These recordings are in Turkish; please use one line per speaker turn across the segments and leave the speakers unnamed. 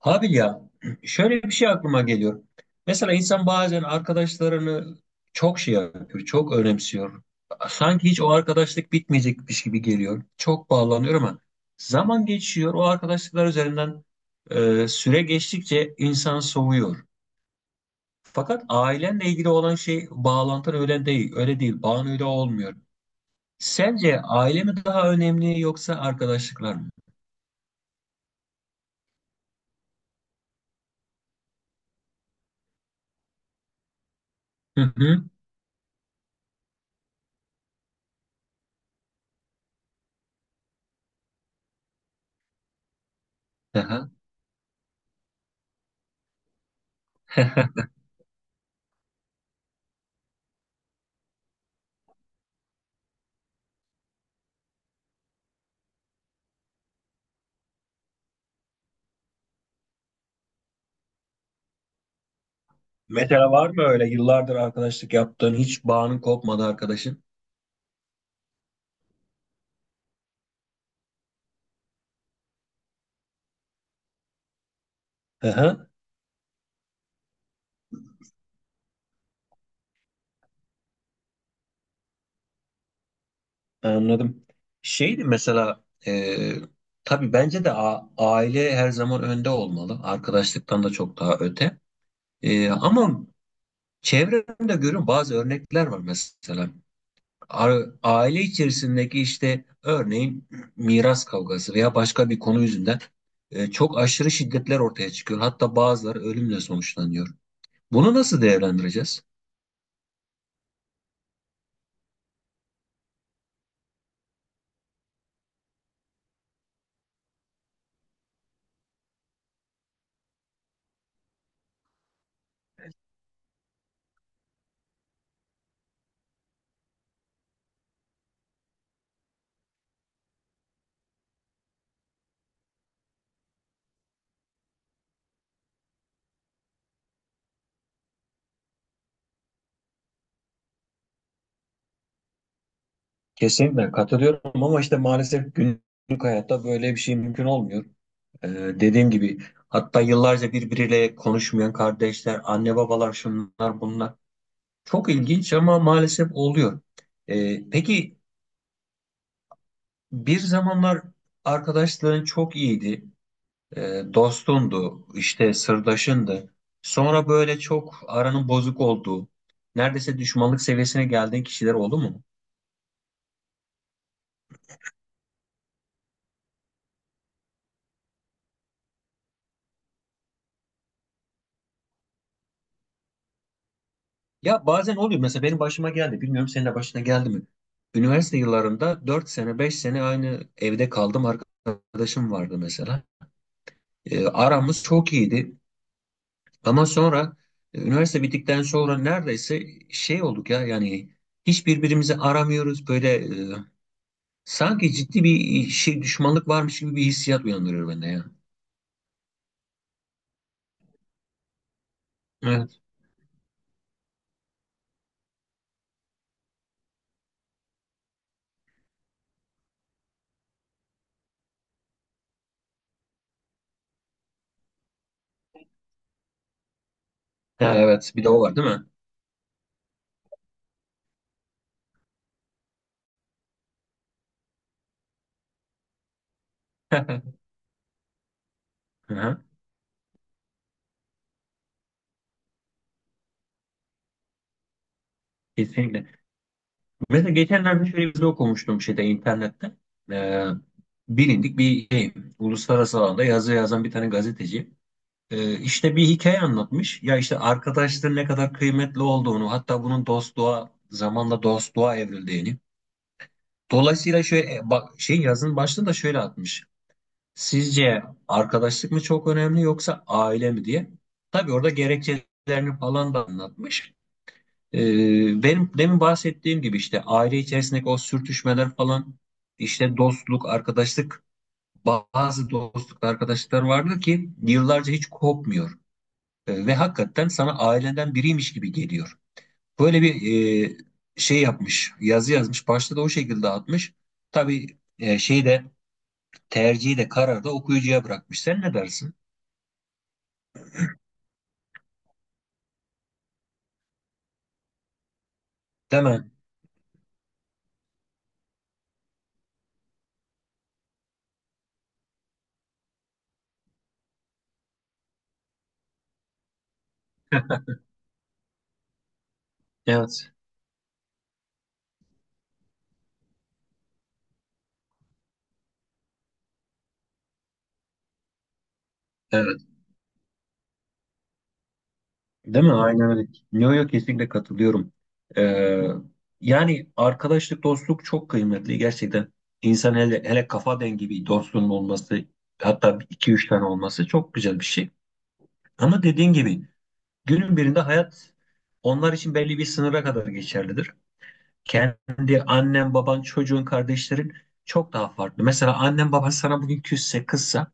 Abi ya, şöyle bir şey aklıma geliyor. Mesela insan bazen arkadaşlarını çok şey yapıyor, çok önemsiyor. Sanki hiç o arkadaşlık bitmeyecekmiş gibi geliyor. Çok bağlanıyor ama zaman geçiyor. O arkadaşlıklar üzerinden süre geçtikçe insan soğuyor. Fakat ailenle ilgili olan şey bağlantın öyle değil. Öyle değil. Bağın öyle olmuyor. Sence aile mi daha önemli yoksa arkadaşlıklar mı? Hı hı. Aha. Mesela var mı öyle yıllardır arkadaşlık yaptığın hiç bağının kopmadı arkadaşın? Hı hı, anladım. Şeydi mesela, tabii bence de aile her zaman önde olmalı. Arkadaşlıktan da çok daha öte. Ama çevremde görüyorum bazı örnekler var mesela. Aile içerisindeki işte örneğin miras kavgası veya başka bir konu yüzünden çok aşırı şiddetler ortaya çıkıyor. Hatta bazıları ölümle sonuçlanıyor. Bunu nasıl değerlendireceğiz? Kesinlikle katılıyorum ama işte maalesef günlük hayatta böyle bir şey mümkün olmuyor. Ee, Dediğim gibi hatta yıllarca birbiriyle konuşmayan kardeşler, anne babalar, şunlar bunlar. Çok ilginç ama maalesef oluyor. Peki bir zamanlar arkadaşların çok iyiydi. Dostundu, işte sırdaşındı. Sonra böyle çok aranın bozuk olduğu, neredeyse düşmanlık seviyesine geldiğin kişiler oldu mu? Ya bazen oluyor, mesela benim başıma geldi, bilmiyorum senin de başına geldi mi? Üniversite yıllarında 4 sene 5 sene aynı evde kaldım, arkadaşım vardı mesela. E, aramız çok iyiydi ama sonra, üniversite bittikten sonra neredeyse şey olduk ya yani, hiç birbirimizi aramıyoruz, böyle sanki ciddi bir şey düşmanlık varmış gibi bir hissiyat uyandırıyor bende ya. Evet. Ha, evet, bir de o var değil mi? Hı. Kesinlikle. Mesela geçenlerde şöyle bir şey okumuştum şeyde, internette. Ee, Bilindik bir şey, uluslararası alanda yazı yazan bir tane gazeteci. İşte bir hikaye anlatmış. Ya işte arkadaşların ne kadar kıymetli olduğunu, hatta bunun dostluğa, zamanla dostluğa evrildiğini. Dolayısıyla şöyle, bak şey, yazının başlığını da şöyle atmış. Sizce arkadaşlık mı çok önemli yoksa aile mi diye. Tabii orada gerekçelerini falan da anlatmış. Benim demin bahsettiğim gibi işte aile içerisindeki o sürtüşmeler falan, işte dostluk, arkadaşlık, bazı dostluk, arkadaşlıklar vardır ki yıllarca hiç kopmuyor. Ve hakikaten sana ailenden biriymiş gibi geliyor. Böyle bir e, şey yapmış, yazı yazmış. Başta da o şekilde atmış. Tabii, şeyi de, tercihi de, kararı da okuyucuya bırakmış. Sen ne dersin? Değil mi? Evet. Evet. Değil mi? Aynen öyle. Yo yo, kesinlikle katılıyorum. Ee, Yani arkadaşlık, dostluk çok kıymetli gerçekten. İnsan, hele hele kafa dengi bir dostluğun olması, hatta iki üç tane olması çok güzel bir şey. Ama dediğin gibi günün birinde hayat onlar için belli bir sınıra kadar geçerlidir. Kendi annen, baban, çocuğun, kardeşlerin çok daha farklı. Mesela annen baban sana bugün küsse, kızsa,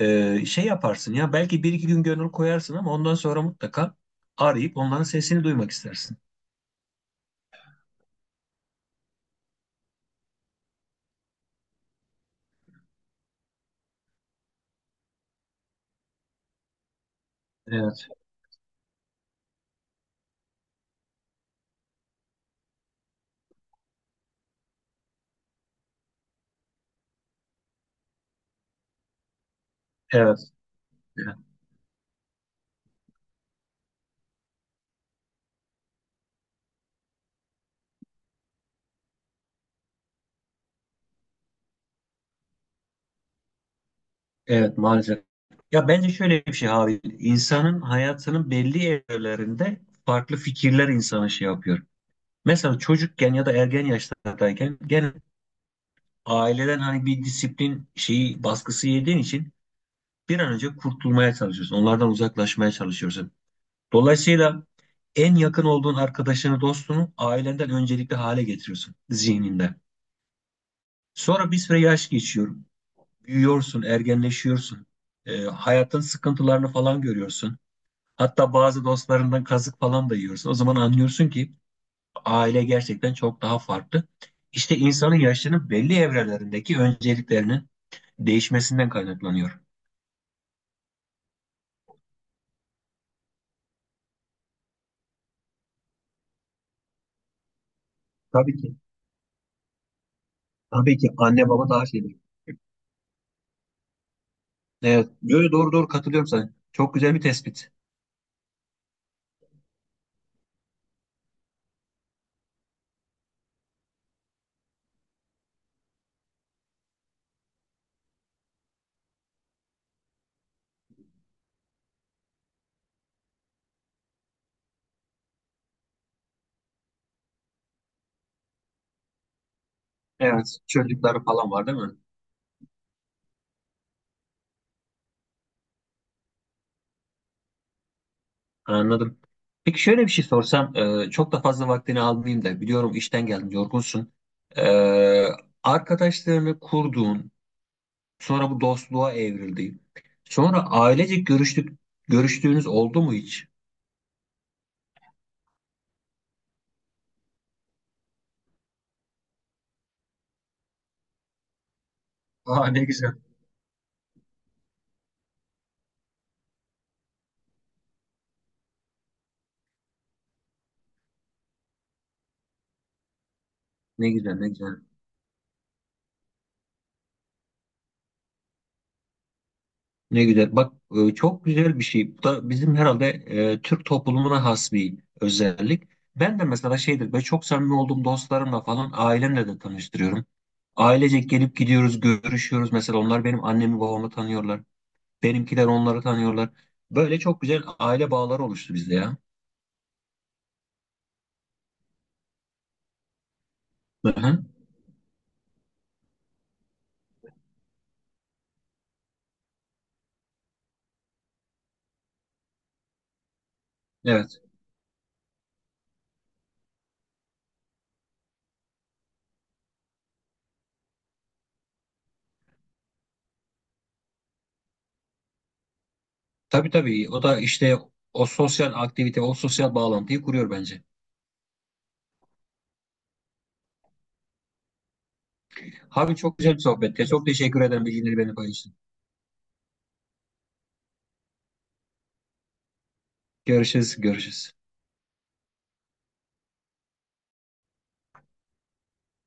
şey yaparsın ya, belki bir iki gün gönül koyarsın ama ondan sonra mutlaka arayıp onların sesini duymak istersin. Evet, evet, evet, evet maalesef. Ya bence şöyle bir şey abi, insanın hayatının belli evrelerinde farklı fikirler insana şey yapıyor. Mesela çocukken ya da ergen yaşlardayken, gene aileden hani bir disiplin şeyi, baskısı yediğin için bir an önce kurtulmaya çalışıyorsun. Onlardan uzaklaşmaya çalışıyorsun. Dolayısıyla en yakın olduğun arkadaşını, dostunu ailenden öncelikli hale getiriyorsun zihninde. Sonra bir süre yaş geçiyor. Büyüyorsun, ergenleşiyorsun. Hayatın sıkıntılarını falan görüyorsun. Hatta bazı dostlarından kazık falan da yiyorsun. O zaman anlıyorsun ki aile gerçekten çok daha farklı. İşte insanın yaşlarının belli evrelerindeki önceliklerinin değişmesinden kaynaklanıyor. Tabii ki. Tabii ki anne baba daha şeydir. Evet. Yo, yo, doğru doğru, katılıyorum sana. Çok güzel bir tespit. Evet, çocukları falan var değil mi? Anladım. Peki şöyle bir şey sorsam, çok da fazla vaktini almayayım da, biliyorum işten geldin, yorgunsun. E, Arkadaşlarını kurduğun, sonra bu dostluğa evrildi. Sonra ailecek görüştük, görüştüğünüz oldu mu hiç? Aa, ne güzel. Ne güzel, ne güzel. Ne güzel. Bak, çok güzel bir şey. Bu da bizim herhalde Türk toplumuna has bir özellik. Ben de mesela şeydir, ben çok samimi olduğum dostlarımla falan ailemle de tanıştırıyorum. Ailecek gelip gidiyoruz, görüşüyoruz. Mesela onlar benim annemi babamı tanıyorlar. Benimkiler onları tanıyorlar. Böyle çok güzel aile bağları oluştu bizde ya. Hı hı. Evet. Tabii tabii. O da işte o sosyal aktivite, o sosyal bağlantıyı kuruyor bence. Abi çok güzel bir sohbetti. Çok teşekkür ederim, bilgileri benimle paylaştın. Görüşürüz, görüşürüz.